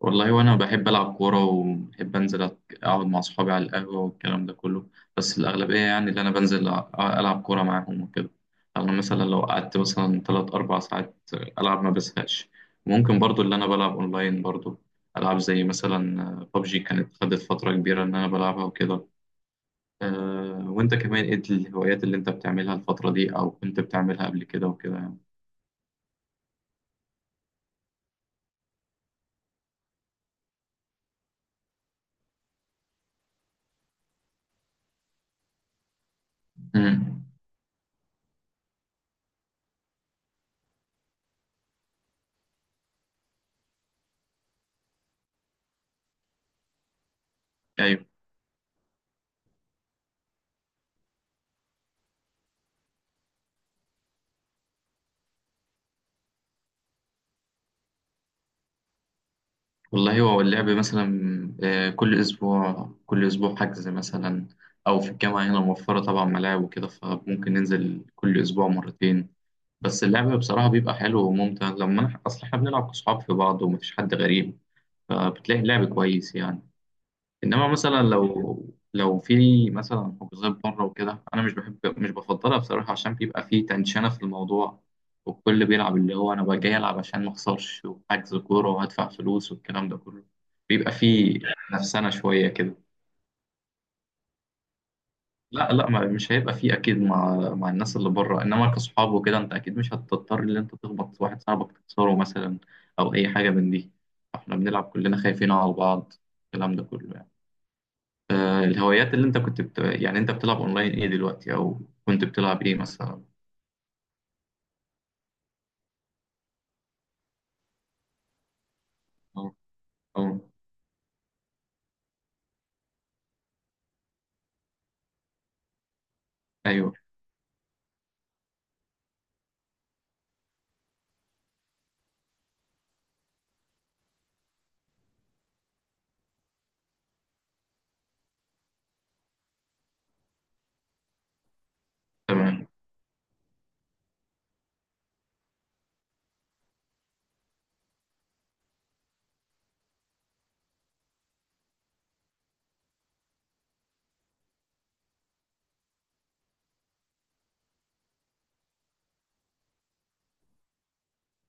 والله وانا بحب العب كوره وبحب انزل اقعد مع اصحابي على القهوه والكلام ده كله. بس الاغلبيه يعني اللي انا بنزل العب كوره معاهم وكده. انا مثلا لو قعدت مثلا 3 4 ساعات العب ما بزهقش. ممكن برضو اللي انا بلعب اونلاين برضو العاب زي مثلا ببجي كانت خدت فتره كبيره ان انا بلعبها وكده. أه وانت كمان ايه الهوايات اللي انت بتعملها الفتره دي او كنت بتعملها قبل كده وكده يعني؟ امم. والله هو اللعب مثلا، كل أسبوع كل أسبوع حجز مثلا، أو في الجامعة هنا موفرة طبعا ملاعب وكده فممكن ننزل كل أسبوع مرتين. بس اللعب بصراحة بيبقى حلو وممتع لما أصل إحنا بنلعب كصحاب في بعض ومفيش حد غريب، فبتلاقي اللعب كويس يعني. انما مثلا لو لو في مثلا حجوزات بره وكده انا مش بحب، مش بفضلها بصراحه، عشان بيبقى في تنشنه في الموضوع، والكل بيلعب اللي هو انا بقى جاي العب عشان ما اخسرش وحجز كوره وهدفع فلوس والكلام ده كله، بيبقى في نفسنا شويه كده. لا لا، ما مش هيبقى في اكيد مع الناس اللي بره، انما كصحاب وكده انت اكيد مش هتضطر ان انت تخبط واحد صاحبك تكسره مثلا او اي حاجه من دي. احنا بنلعب كلنا خايفين على بعض، الكلام ده كله يعني. الهوايات اللي انت كنت يعني انت بتلعب اونلاين ايه دلوقتي او كنت بتلعب ايه مثلا؟ او او ايوه تمام.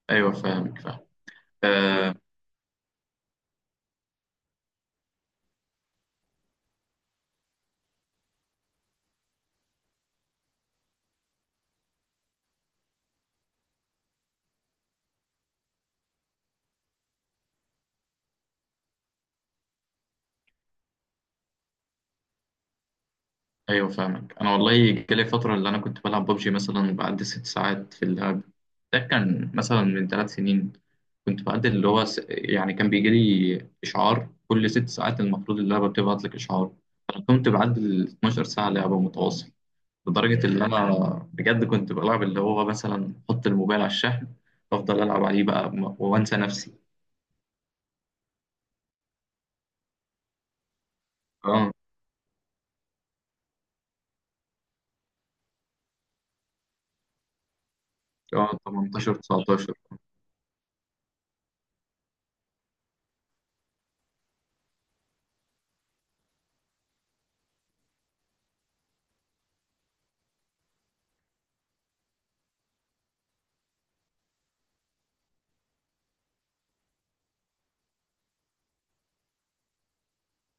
ايوه فاهمك فاهم. آه، ايوه فاهمك. انا والله جالي فتره اللي انا كنت بلعب ببجي مثلا بعد 6 ساعات في اللعب، ده كان مثلا من 3 سنين. كنت بعد اللي هو يعني كان بيجي لي اشعار كل 6 ساعات، المفروض اللعبه بتبعت لك اشعار. انا كنت بعد ال 12 ساعه لعبه متواصل، لدرجة اللي أنا بجد كنت بلعب اللي هو مثلا أحط الموبايل على الشحن وأفضل ألعب عليه بقى وأنسى نفسي. أه. أه، 18 19.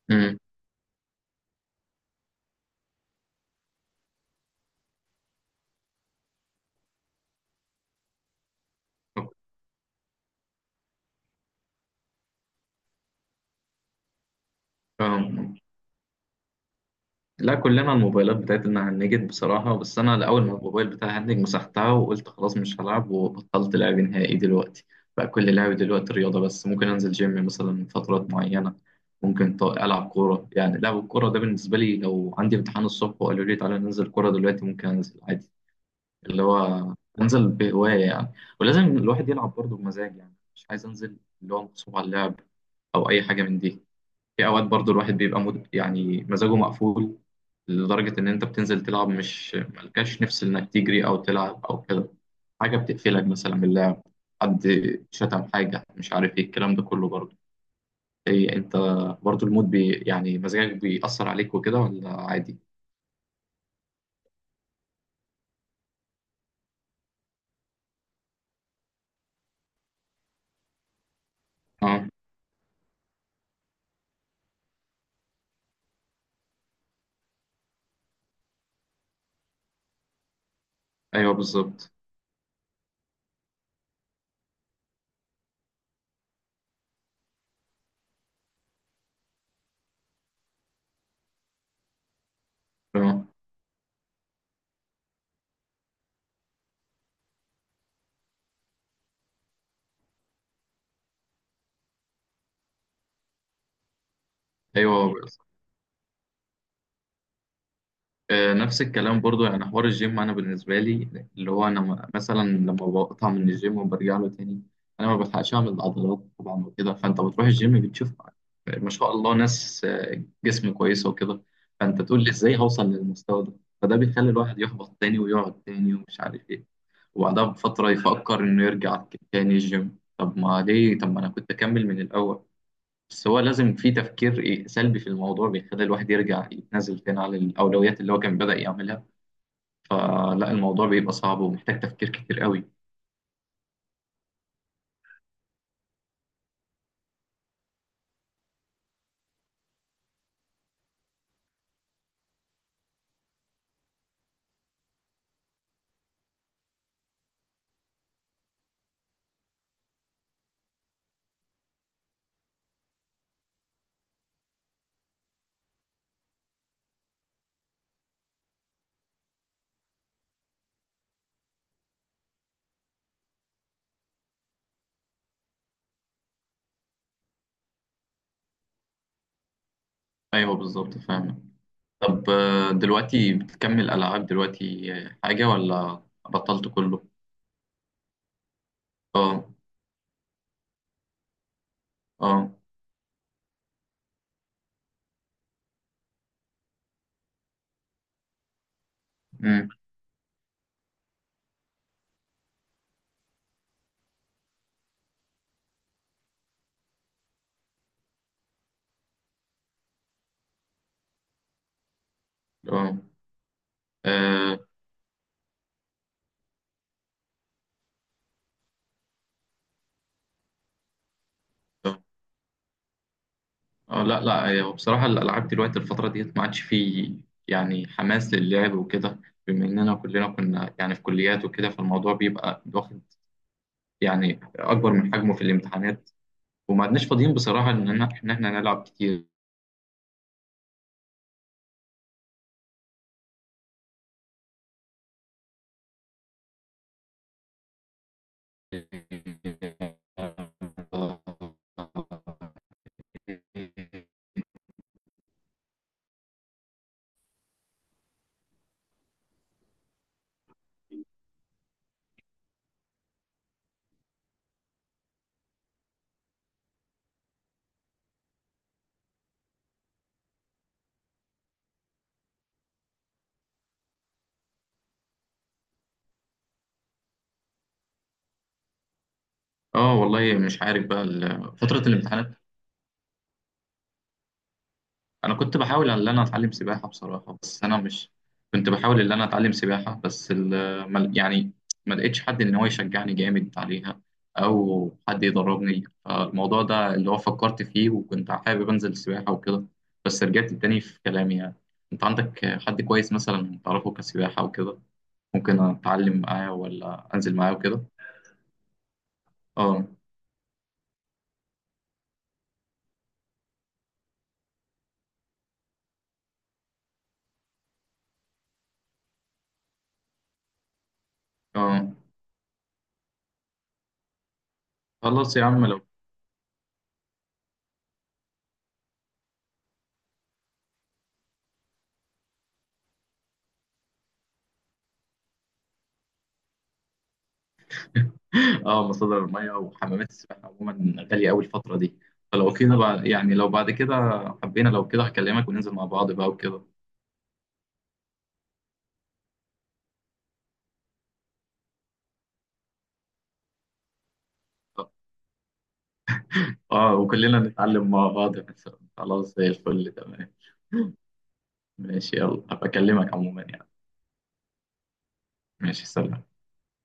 امم. أه. لا، كلنا الموبايلات بتاعتنا هنجت بصراحة، بس أنا لأول ما الموبايل بتاعي هنج مسحتها وقلت خلاص مش هلعب، وبطلت لعب نهائي دلوقتي. بقى كل لعبي دلوقتي رياضة، بس ممكن أنزل جيم مثلا فترات معينة. ممكن ألعب كورة، يعني لعب الكورة ده بالنسبة لي لو عندي امتحان الصبح وقالوا لي تعالى ننزل كورة دلوقتي، ممكن أنزل عادي. اللي هو انزل بهواية يعني. ولازم الواحد يلعب برضه بمزاج، يعني مش عايز انزل اللي هو مغصوب على اللعب او اي حاجة من دي. في اوقات برضه الواحد بيبقى يعني مزاجه مقفول، لدرجة ان انت بتنزل تلعب مش ملكاش نفس انك تجري او تلعب او كده. حاجة بتقفلك مثلا من اللعب، حد شتم، حاجة مش عارف ايه، الكلام ده كله برضه. ايه انت، برضه المود يعني مزاجك بيأثر عليك وكده ولا عادي؟ اه. ايوه بالظبط. اه. ايوه. نفس الكلام برضو. يعني حوار الجيم انا بالنسبه لي اللي هو انا مثلا لما بقطع من الجيم وبرجع له تاني، انا ما بلحقش اعمل العضلات طبعا وكده، فانت بتروح الجيم بتشوف ما شاء الله ناس جسم كويسه وكده، فانت تقول لي ازاي هوصل للمستوى ده؟ فده بيخلي الواحد يحبط تاني ويقعد تاني ومش عارف ايه، وبعدها بفتره يفكر انه يرجع تاني الجيم، طب ما ليه، طب ما انا كنت اكمل من الاول. بس هو لازم في تفكير إيه سلبي في الموضوع بيخلي الواحد يرجع يتنازل تاني على الأولويات اللي هو كان بدأ يعملها. فلا، الموضوع بيبقى صعب ومحتاج تفكير كتير قوي. ايوه بالظبط فاهم. طب دلوقتي بتكمل العاب دلوقتي، حاجه، ولا بطلت كله؟ اه. اه. امم. اه. آه، آه، لا لا. هو بصراحه الالعاب دلوقتي الفتره ديت ما عادش فيه يعني حماس للعب وكده. بما اننا كلنا كنا يعني في كليات وكده، فالموضوع بيبقى واخد يعني اكبر من حجمه في الامتحانات، وما عدناش فاضيين بصراحه ان احنا نلعب كتير. اه والله مش عارف بقى، فترة الامتحانات انا كنت بحاول ان انا اتعلم سباحة بصراحة، بس انا مش، كنت بحاول ان انا اتعلم سباحة، بس يعني ما لقيتش حد ان هو يشجعني جامد عليها او حد يدربني، فالموضوع ده اللي هو فكرت فيه وكنت حابب انزل سباحة وكده، بس رجعت تاني في كلامي يعني. انت عندك حد كويس مثلا تعرفه كسباحة وكده ممكن اتعلم معاه ولا انزل معاه وكده؟ اه. اه. خلاص يا عم لو. اه، مصادر الميه وحمامات السباحه عموما غاليه قوي الفتره دي. فلو كده بقى، يعني لو بعد كده حبينا لو كده هكلمك وننزل مع بعض بقى وكده. اه، وكلنا نتعلم مع بعض مثلا، خلاص زي الفل تمام. ماشي. يلا، هبقى اكلمك عموما يعني. ماشي سلام.